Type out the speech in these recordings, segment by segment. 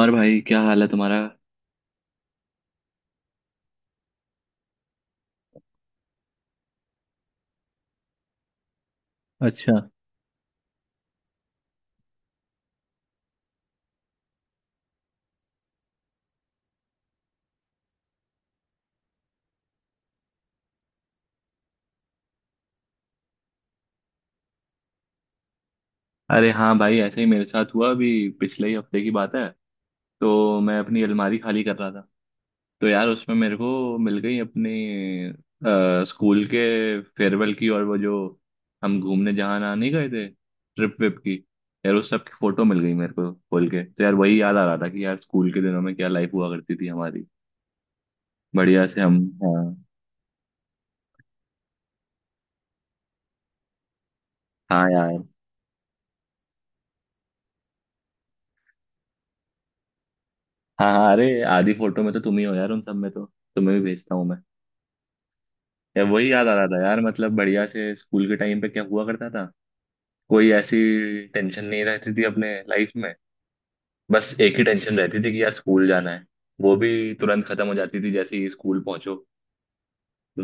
और भाई, क्या हाल है तुम्हारा? अच्छा। अरे हाँ भाई, ऐसे ही मेरे साथ हुआ अभी। पिछले ही हफ्ते की बात है। तो मैं अपनी अलमारी खाली कर रहा था, तो यार उसमें मेरे को मिल गई अपनी स्कूल के फेयरवेल की और वो जो हम घूमने जहाँ ना नहीं गए थे, ट्रिप विप की। यार उस सब की फोटो मिल गई मेरे को खोल के, तो यार वही याद आ रहा था कि यार स्कूल के दिनों में क्या लाइफ हुआ करती थी हमारी, बढ़िया से हम। हाँ। हाँ यार। हाँ हाँ, अरे आधी फोटो में तो तुम ही हो यार उन सब में तो। तुम्हें भी भेजता हूँ मैं। या वही याद आ रहा था यार, मतलब बढ़िया से स्कूल के टाइम पे क्या हुआ करता था। कोई ऐसी टेंशन नहीं रहती थी अपने लाइफ में। बस एक ही टेंशन रहती थी कि यार स्कूल जाना है। वो भी तुरंत खत्म हो जाती थी जैसे ही स्कूल पहुंचो।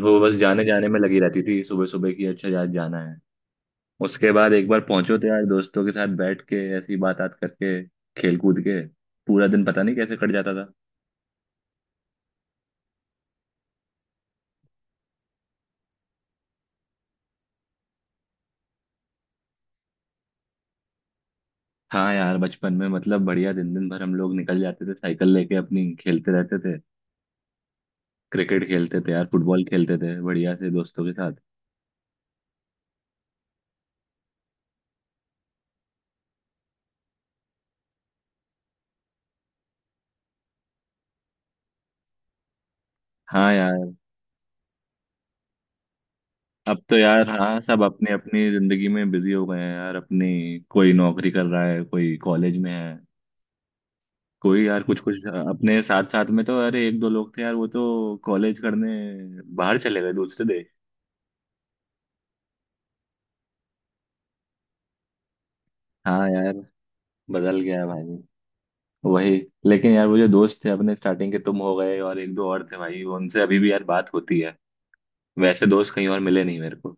वो बस जाने जाने में लगी रहती थी सुबह सुबह की, अच्छा यार जाना है। उसके बाद एक बार पहुंचो तो यार दोस्तों के साथ बैठ के ऐसी बात बात करके, खेल कूद के पूरा दिन पता नहीं कैसे कट जाता था। हाँ यार, बचपन में मतलब बढ़िया दिन दिन भर हम लोग निकल जाते थे साइकिल लेके अपनी, खेलते रहते थे। क्रिकेट खेलते थे यार, फुटबॉल खेलते थे बढ़िया से दोस्तों के साथ। हाँ यार। अब तो यार हाँ, सब अपनी अपनी जिंदगी में बिजी हो गए हैं यार। अपनी कोई नौकरी कर रहा है, कोई कॉलेज में है, कोई यार कुछ कुछ। अपने साथ साथ में तो अरे एक दो लोग थे यार, वो तो कॉलेज करने बाहर चले गए, दूसरे देश। हाँ यार, बदल गया है भाई। वही। लेकिन यार वो जो दोस्त थे अपने स्टार्टिंग के, तुम हो गए और एक दो और थे भाई, उनसे अभी भी यार बात होती है। वैसे दोस्त कहीं और मिले नहीं मेरे को।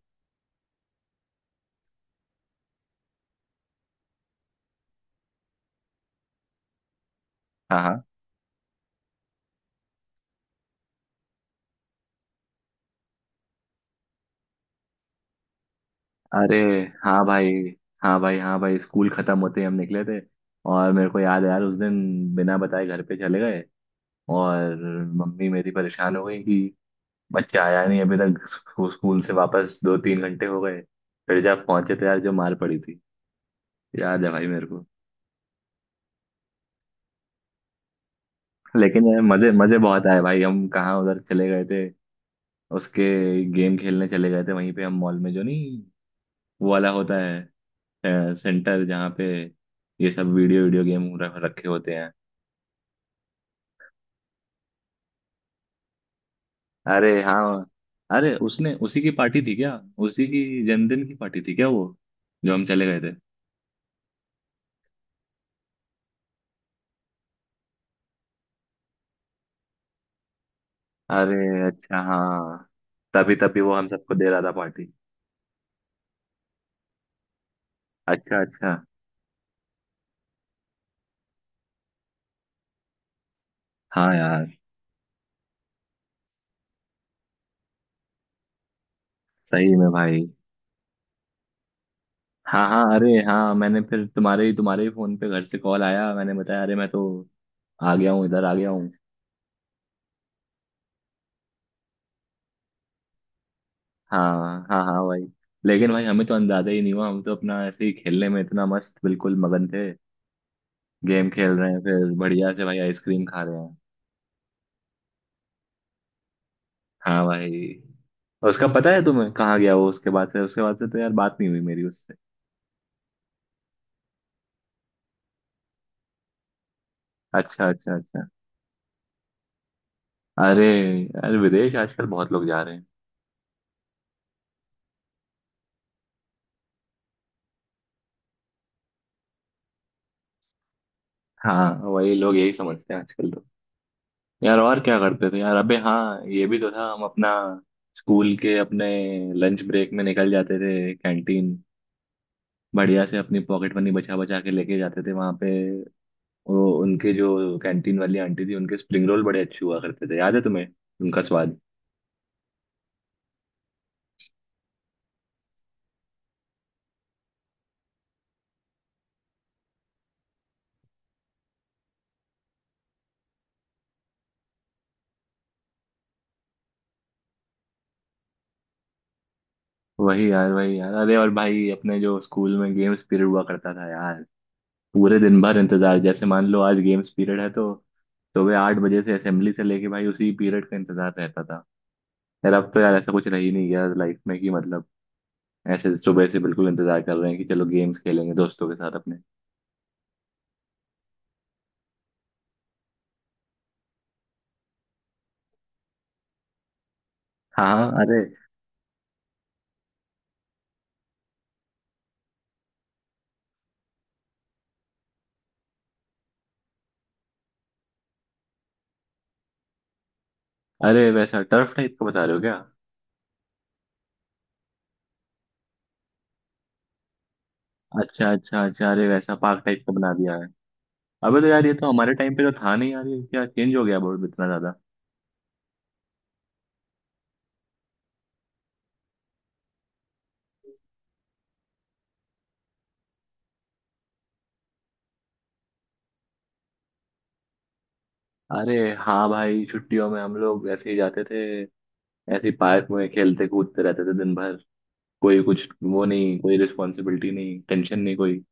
हाँ हाँ। अरे हाँ भाई, हाँ भाई, हाँ भाई, स्कूल खत्म होते ही हम निकले थे। और मेरे को याद है यार उस दिन बिना बताए घर पे चले गए। और मम्मी मेरी परेशान हो गई कि बच्चा आया नहीं अभी तक स्कूल से वापस, दो तीन घंटे हो गए। फिर जब पहुंचे तो यार जो मार पड़ी थी, याद है भाई मेरे को। लेकिन यार मजे मजे बहुत आए भाई, हम कहाँ उधर चले गए थे उसके। गेम खेलने चले गए थे वहीं पे, हम मॉल में जो नहीं वो वाला होता है सेंटर, जहाँ पे ये सब वीडियो वीडियो गेम रखे होते हैं। अरे हाँ। अरे उसने, उसी की पार्टी थी क्या? उसी की जन्मदिन की पार्टी थी क्या वो, जो हम चले गए थे? अरे अच्छा हाँ, तभी तभी वो हम सबको दे रहा था पार्टी। अच्छा अच्छा। हाँ यार। सही में भाई। हाँ हाँ, अरे हाँ, मैंने फिर तुम्हारे ही फोन पे घर से कॉल आया, मैंने बताया अरे मैं तो आ गया हूँ, इधर आ गया हूँ। हाँ हाँ हाँ भाई। लेकिन भाई, हमें तो अंदाजा ही नहीं हुआ, हम तो अपना ऐसे ही खेलने में इतना मस्त, बिल्कुल मगन थे। गेम खेल रहे हैं, फिर बढ़िया से भाई आइसक्रीम खा रहे हैं। हाँ भाई। और उसका पता है तुम्हें कहाँ गया वो? उसके बाद से तो यार बात नहीं हुई मेरी उससे। अच्छा अच्छा अच्छा। अरे यार विदेश आजकल बहुत लोग जा रहे हैं। हाँ, वही लोग यही समझते हैं आजकल तो। यार और क्या करते थे यार, अबे हाँ ये भी तो था, हम अपना स्कूल के अपने लंच ब्रेक में निकल जाते थे कैंटीन, बढ़िया से अपनी पॉकेट मनी बचा बचा के लेके जाते थे वहां पे। वो उनके जो कैंटीन वाली आंटी थी, उनके स्प्रिंग रोल बड़े अच्छे हुआ करते थे, याद है तुम्हें उनका स्वाद? वही यार, वही यार। अरे और भाई, अपने जो स्कूल में गेम्स पीरियड हुआ करता था यार, पूरे दिन भर इंतजार। जैसे मान लो आज गेम्स पीरियड है तो सुबह आठ बजे से असेंबली से लेके भाई उसी पीरियड का इंतजार रहता था। यार अब तो यार ऐसा कुछ रह ही नहीं गया लाइफ में कि मतलब ऐसे सुबह से बिल्कुल इंतजार कर रहे हैं कि चलो गेम्स खेलेंगे दोस्तों के साथ अपने। हाँ। अरे। अरे, वैसा टर्फ टाइप का बता रहे हो क्या? अच्छा अच्छा अच्छा, अरे वैसा पार्क टाइप का बना दिया है। अबे तो यार ये तो हमारे टाइम पे तो था नहीं यार, ये क्या चेंज हो गया बोर्ड इतना। अरे हाँ भाई, छुट्टियों में हम लोग ऐसे ही जाते थे, ऐसे ही पार्क में खेलते कूदते रहते थे दिन भर। कोई कुछ वो नहीं, कोई रिस्पॉन्सिबिलिटी नहीं, टेंशन नहीं, कोई।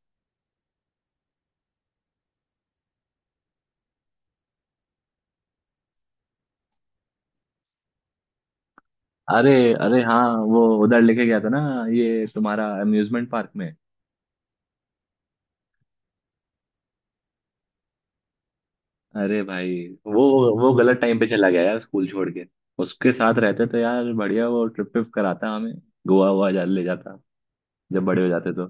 अरे। अरे हाँ, वो उधर लेके गया था ना, ये तुम्हारा अम्यूजमेंट पार्क में। अरे भाई, वो वो गलत टाइम पे चला गया यार, स्कूल छोड़ के। उसके साथ रहते तो यार बढ़िया, वो ट्रिप ट्रिप कराता हमें, गोवा वोवा जा ले जाता जब बड़े हो जाते तो।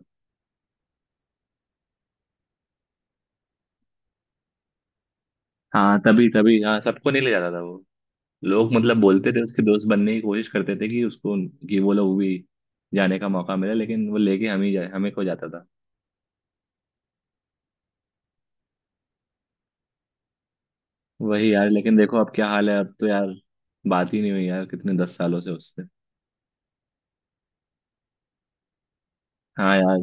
हाँ तभी तभी, हाँ, सबको नहीं ले जाता था। लोग मतलब बोलते थे, उसके दोस्त बनने की कोशिश करते थे, कि उसको, कि वो लोग भी जाने का मौका मिले, लेकिन वो लेके हम ही जाए, हमें खो जाता था। वही यार, लेकिन देखो अब क्या हाल है, अब तो यार बात ही नहीं हुई यार, कितने दस सालों से उससे। हाँ यार।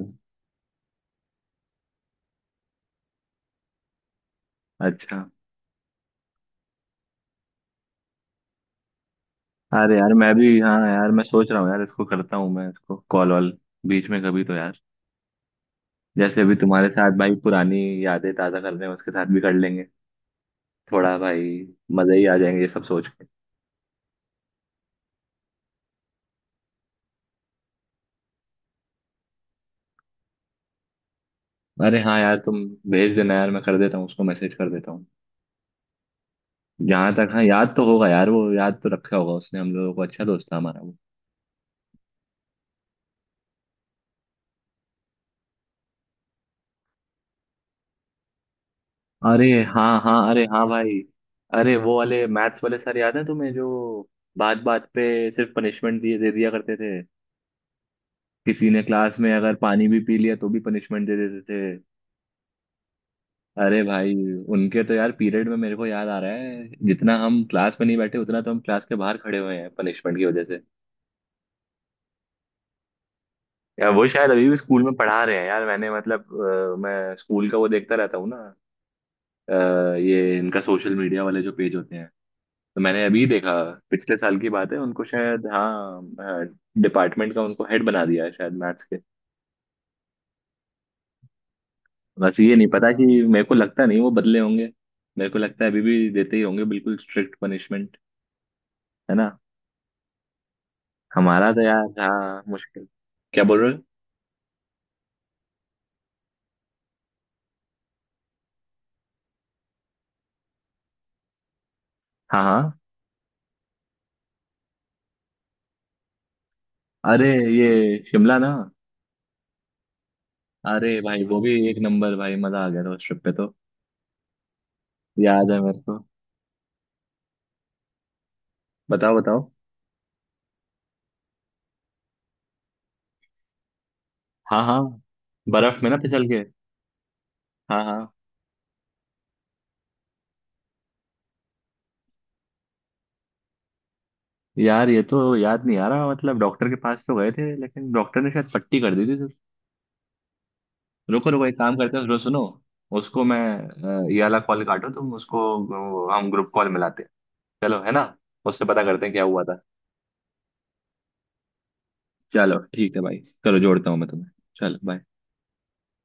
अच्छा। अरे यार मैं भी, हाँ यार मैं सोच रहा हूँ यार, इसको करता हूँ मैं, इसको कॉल वॉल बीच में कभी तो यार, जैसे अभी तुम्हारे साथ भाई पुरानी यादें ताज़ा कर रहे हैं, उसके साथ भी कर लेंगे थोड़ा भाई। मज़े ही आ जाएंगे ये सब सोच के। अरे हाँ यार, तुम भेज देना यार, मैं कर देता हूँ उसको, मैसेज कर देता हूँ। यहाँ तक हाँ, याद तो होगा यार, वो याद तो रखा होगा उसने हम लोगों को, अच्छा दोस्त था हमारा वो। अरे हाँ हाँ, अरे हाँ भाई, अरे वो वाले मैथ्स वाले सर याद है तुम्हें, जो बात बात पे सिर्फ पनिशमेंट दिए दे दिया करते थे? किसी ने क्लास में अगर पानी भी पी लिया तो भी पनिशमेंट दे देते थे। अरे भाई, उनके तो यार पीरियड में मेरे को याद आ रहा है, जितना हम क्लास में नहीं बैठे उतना तो हम क्लास के बाहर खड़े हुए हैं पनिशमेंट की वजह से। यार वो शायद अभी भी स्कूल में पढ़ा रहे हैं यार, मैंने मतलब मैं स्कूल का वो देखता रहता हूँ ना, अ, ये इनका सोशल मीडिया वाले जो पेज होते हैं, तो मैंने अभी देखा, पिछले साल की बात है, उनको शायद हाँ डिपार्टमेंट का उनको हेड बना दिया है शायद मैथ्स के। बस ये नहीं पता कि, मेरे को लगता नहीं वो बदले होंगे। मेरे को लगता है अभी भी देते ही होंगे बिल्कुल स्ट्रिक्ट पनिशमेंट, है ना? हमारा तो यार हाँ मुश्किल। क्या बोल रहे हो? हाँ हाँ। अरे ये शिमला ना? अरे भाई वो भी एक नंबर भाई, मजा आ गया था उस ट्रिप पे तो। याद है मेरे को। बताओ बताओ। हाँ हाँ, बर्फ में ना फिसल के। हाँ हाँ, यार ये तो याद नहीं आ रहा, मतलब डॉक्टर के पास तो गए थे, लेकिन डॉक्टर ने शायद पट्टी कर दी थी तो। रुको रुको, एक काम करते हैं, सुनो सुनो, उसको मैं ये वाला कॉल काटो तुम उसको, हम ग्रुप कॉल मिलाते हैं, चलो, है ना? उससे पता करते हैं क्या हुआ था। चलो ठीक है भाई, चलो जोड़ता हूँ मैं तुम्हें, चलो बाय।